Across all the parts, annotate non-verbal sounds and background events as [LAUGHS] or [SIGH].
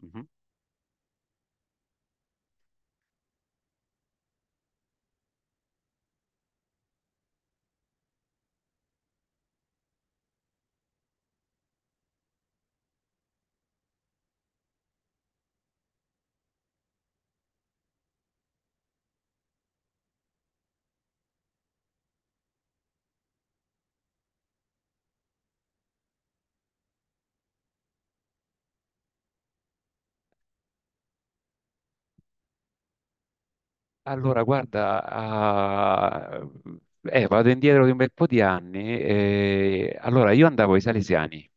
Mhm. Allora, guarda, vado indietro di un bel po' di anni. Io andavo ai Salesiani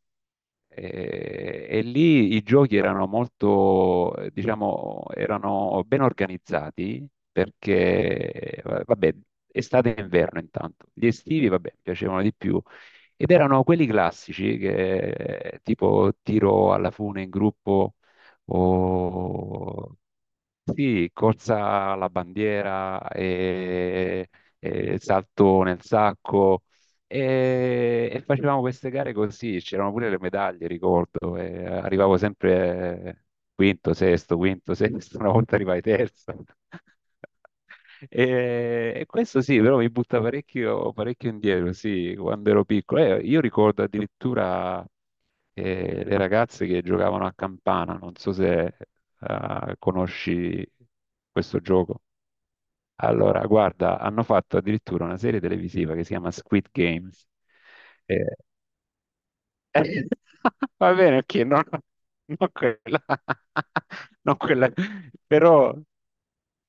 e lì i giochi erano molto, diciamo, erano ben organizzati perché, vabbè, estate e inverno intanto. Gli estivi, vabbè, mi piacevano di più. Ed erano quelli classici, che, tipo tiro alla fune in gruppo o sì, corsa alla bandiera, e salto nel sacco e facevamo queste gare così, c'erano pure le medaglie, ricordo, e arrivavo sempre quinto, sesto, quinto, [LAUGHS] sesto, una volta arrivai terzo. [LAUGHS] E questo sì, però mi butta parecchio, parecchio indietro, sì, quando ero piccolo. Io ricordo addirittura e le ragazze che giocavano a campana. Non so se conosci questo gioco. Allora, guarda, hanno fatto addirittura una serie televisiva che si chiama Squid Games. Eh, [LAUGHS] Va bene, ok, non quella, [LAUGHS] non quella, però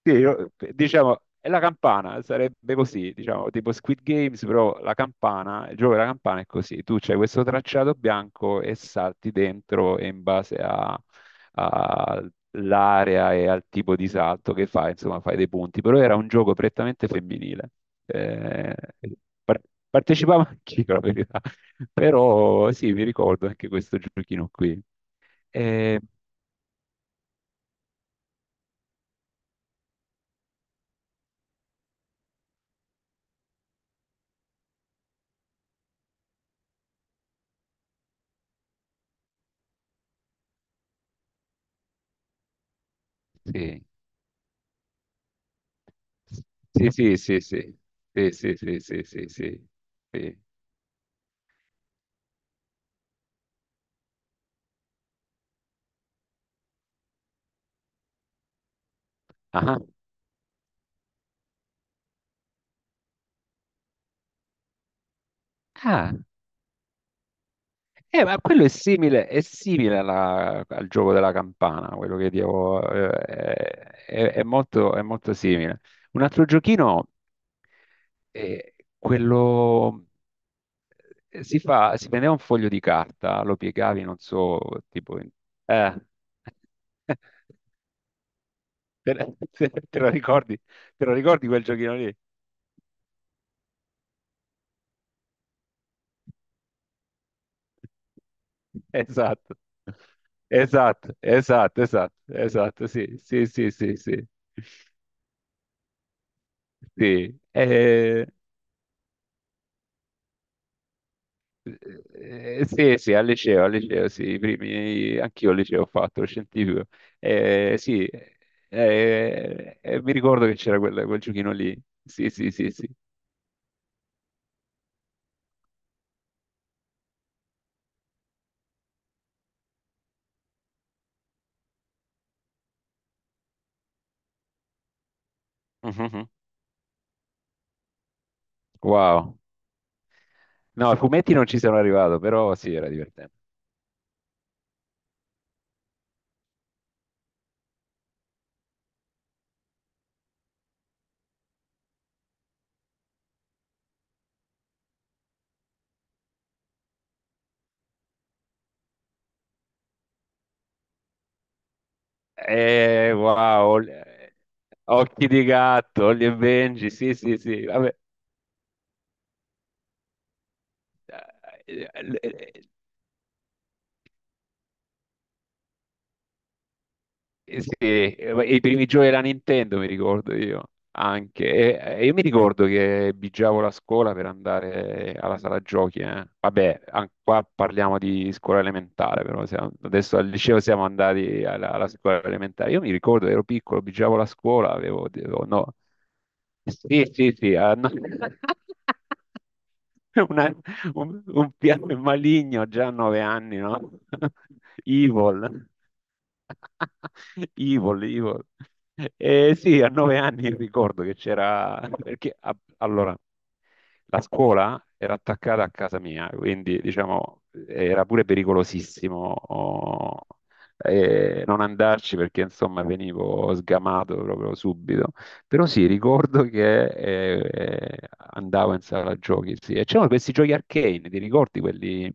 sì, diciamo, è la campana, sarebbe così, diciamo, tipo Squid Games, però la campana, il gioco della campana è così, tu c'hai questo tracciato bianco e salti dentro e all'area e al tipo di salto che fai, insomma, fai dei punti, però era un gioco prettamente femminile. Eh, par- Partecipavo anch'io, [LAUGHS] la verità, però sì, mi ricordo anche questo giochino qui. Eh, sì. Sì, sì, sì, sì, sì, sì, sì, sì, sì, sì, sì. Ah, ah. Ma quello è simile, al gioco della campana, quello che dicevo, è molto simile. Un altro giochino è quello, si fa, si prendeva un foglio di carta, lo piegavi, non so, tipo... in- Eh. [LAUGHS] Te, Te lo ricordi? Te lo ricordi quel giochino lì? Esatto. Esatto, esatto, esatto, esatto, sì, sì, sì, sì, sì, sì, sì, sì, al liceo, sì, i primi, anch'io al liceo ho fatto, lo scientifico, sì, mi ricordo che c'era quel giochino lì, sì, sì, sì, sì, Mhm. Wow, no, ai fumetti non ci sono arrivato, però sì, era divertente. Eh, wow, Ol- eh, Occhi di gatto, Ollie e Benji, sì, sì, sì, vabbè. Eh, eh, sì, i primi giochi della Nintendo mi ricordo io anche. E io mi ricordo che bigiavo la scuola per andare alla sala giochi, eh. Vabbè, qua parliamo di scuola elementare, adesso al liceo siamo andati alla scuola elementare. Io mi ricordo, ero piccolo, bigiavo la scuola, no. Sì, sì, sì, ah, no. [LAUGHS] Una- un piano maligno già a 9 anni, no? [LAUGHS] Evil. [LAUGHS] Evil, evil. Sì, a 9 anni ricordo che c'era, perché allora la scuola era attaccata a casa mia, quindi diciamo era pure pericolosissimo oh, non andarci perché insomma venivo sgamato proprio subito. Però sì, ricordo che andavo in sala giochi, sì. E c'erano questi giochi arcane, ti ricordi quelli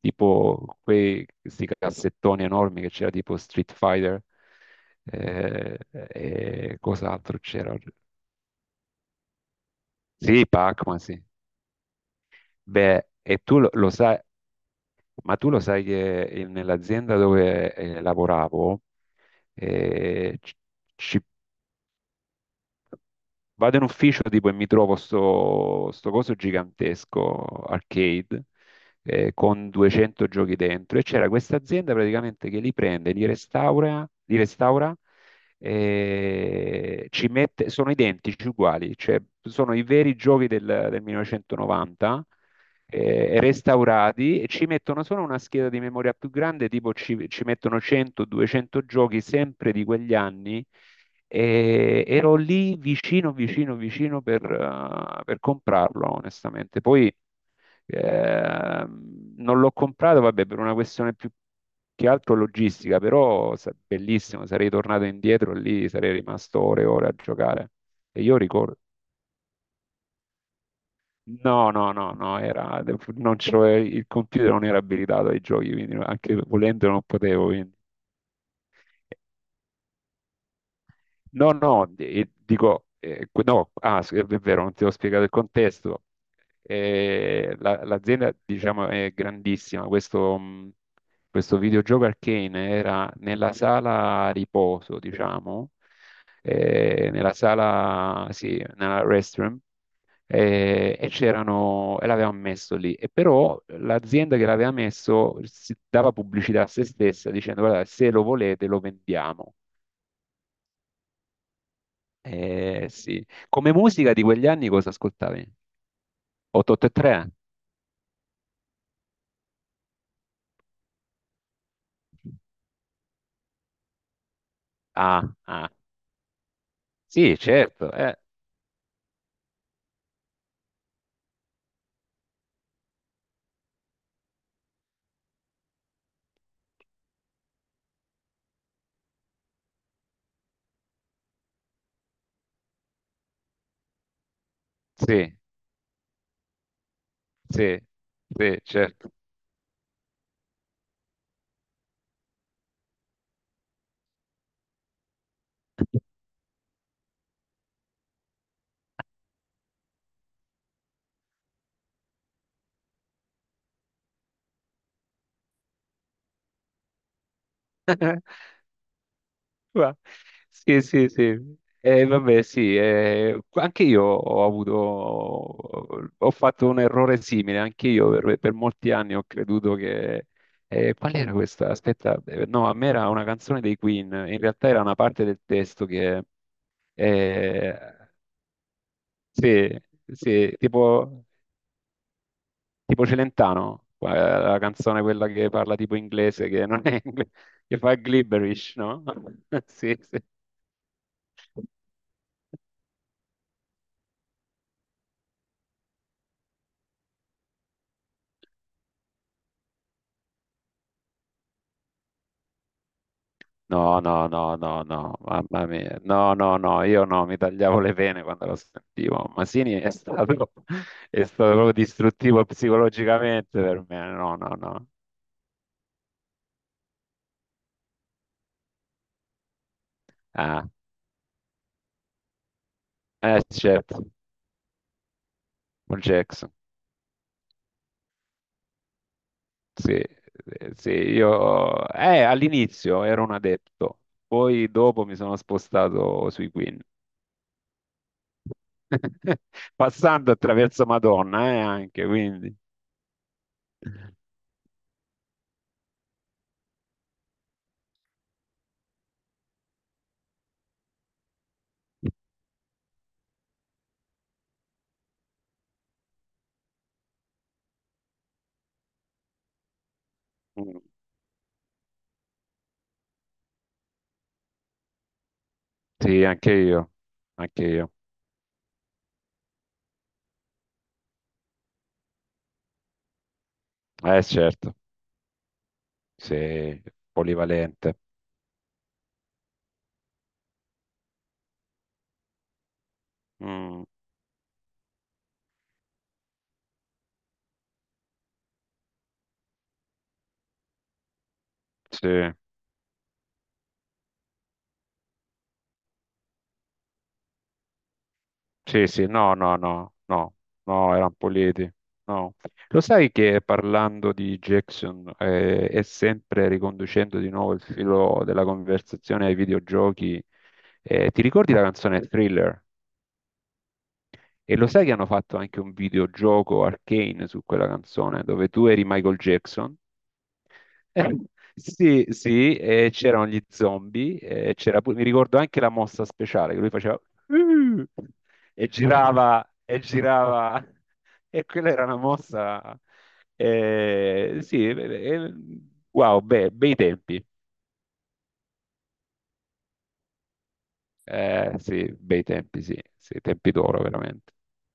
tipo questi cassettoni enormi che c'era tipo Street Fighter e cos'altro c'era? Sì, Pac-Man, sì. Beh, e tu lo sai, ma tu lo sai che nell'azienda dove lavoravo eh, ci, ci- vado in ufficio tipo e mi trovo sto coso gigantesco arcade, con 200 giochi dentro e c'era questa azienda praticamente che li prende, li restaura, ci mette, sono identici, uguali, cioè sono i veri giochi del 1990, restaurati e ci mettono solo una scheda di memoria più grande, tipo ci mettono 100-200 giochi sempre di quegli anni. E ero lì, vicino, vicino, vicino per comprarlo, onestamente. Poi eh, non l'ho comprato, vabbè, per una questione più che altro logistica, bellissimo, sarei tornato indietro lì, sarei rimasto ore e ore a giocare. E io ricordo, no, no, no, no, era, non c'ero- il computer non era abilitato ai giochi, quindi anche volendo non potevo, quindi. No, no, no, ah, sì, è vero, non ti ho spiegato il contesto. L'azienda, diciamo, è grandissima. Questo, questo videogioco Arcane era nella sala riposo, diciamo, nella restroom, e c'erano, e l'avevano messo lì. E però l'azienda che l'aveva messo si dava pubblicità a se stessa dicendo, guarda, se lo volete lo vendiamo. Sì. Come musica di quegli anni cosa ascoltavi? 883? Ah, ah, sì, certo, sì, sì, sì, certo. [LAUGHS] Ma- Sì, sì, sì. Vabbè, sì, anche io ho avuto, ho fatto un errore simile, anche io per molti anni ho creduto che, qual era questa? Aspetta, no, a me era una canzone dei Queen, in realtà era una parte del testo che, eh, sì, sì, tipo... tipo Celentano, la canzone quella che parla tipo inglese, che non è [LAUGHS] inglese, che fa gibberish, no? [LAUGHS] Sì, sì. No, no, no, no, no, mamma mia. No, no, no, io no, mi tagliavo le vene quando lo sentivo. Masini è stato, [LAUGHS] è stato proprio distruttivo psicologicamente per me. No, no, no. Ah, certo, Michael Jackson. Sì, sì, io all'inizio ero un adepto, poi dopo mi sono spostato sui Queen, [LAUGHS] passando attraverso Madonna, anche, quindi. Mm. Sì, anche io, anche io. Certo, sì, polivalente. Mm, sì. Sì, sì, no, no, no, no, no, erano Politi. No. Lo sai che parlando di Jackson e sempre riconducendo di nuovo il filo della conversazione ai videogiochi, ti ricordi la canzone Thriller? E lo sai che hanno fatto anche un videogioco Arcane su quella canzone, dove tu eri Michael Jackson? [LAUGHS] Sì, sì, e c'erano gli zombie, mi ricordo anche la mossa speciale che lui faceva "Uh", e girava [LAUGHS] e quella era una mossa eh, sì, eh, eh, bei tempi. Sì, bei tempi, sì, sì, tempi d'oro veramente.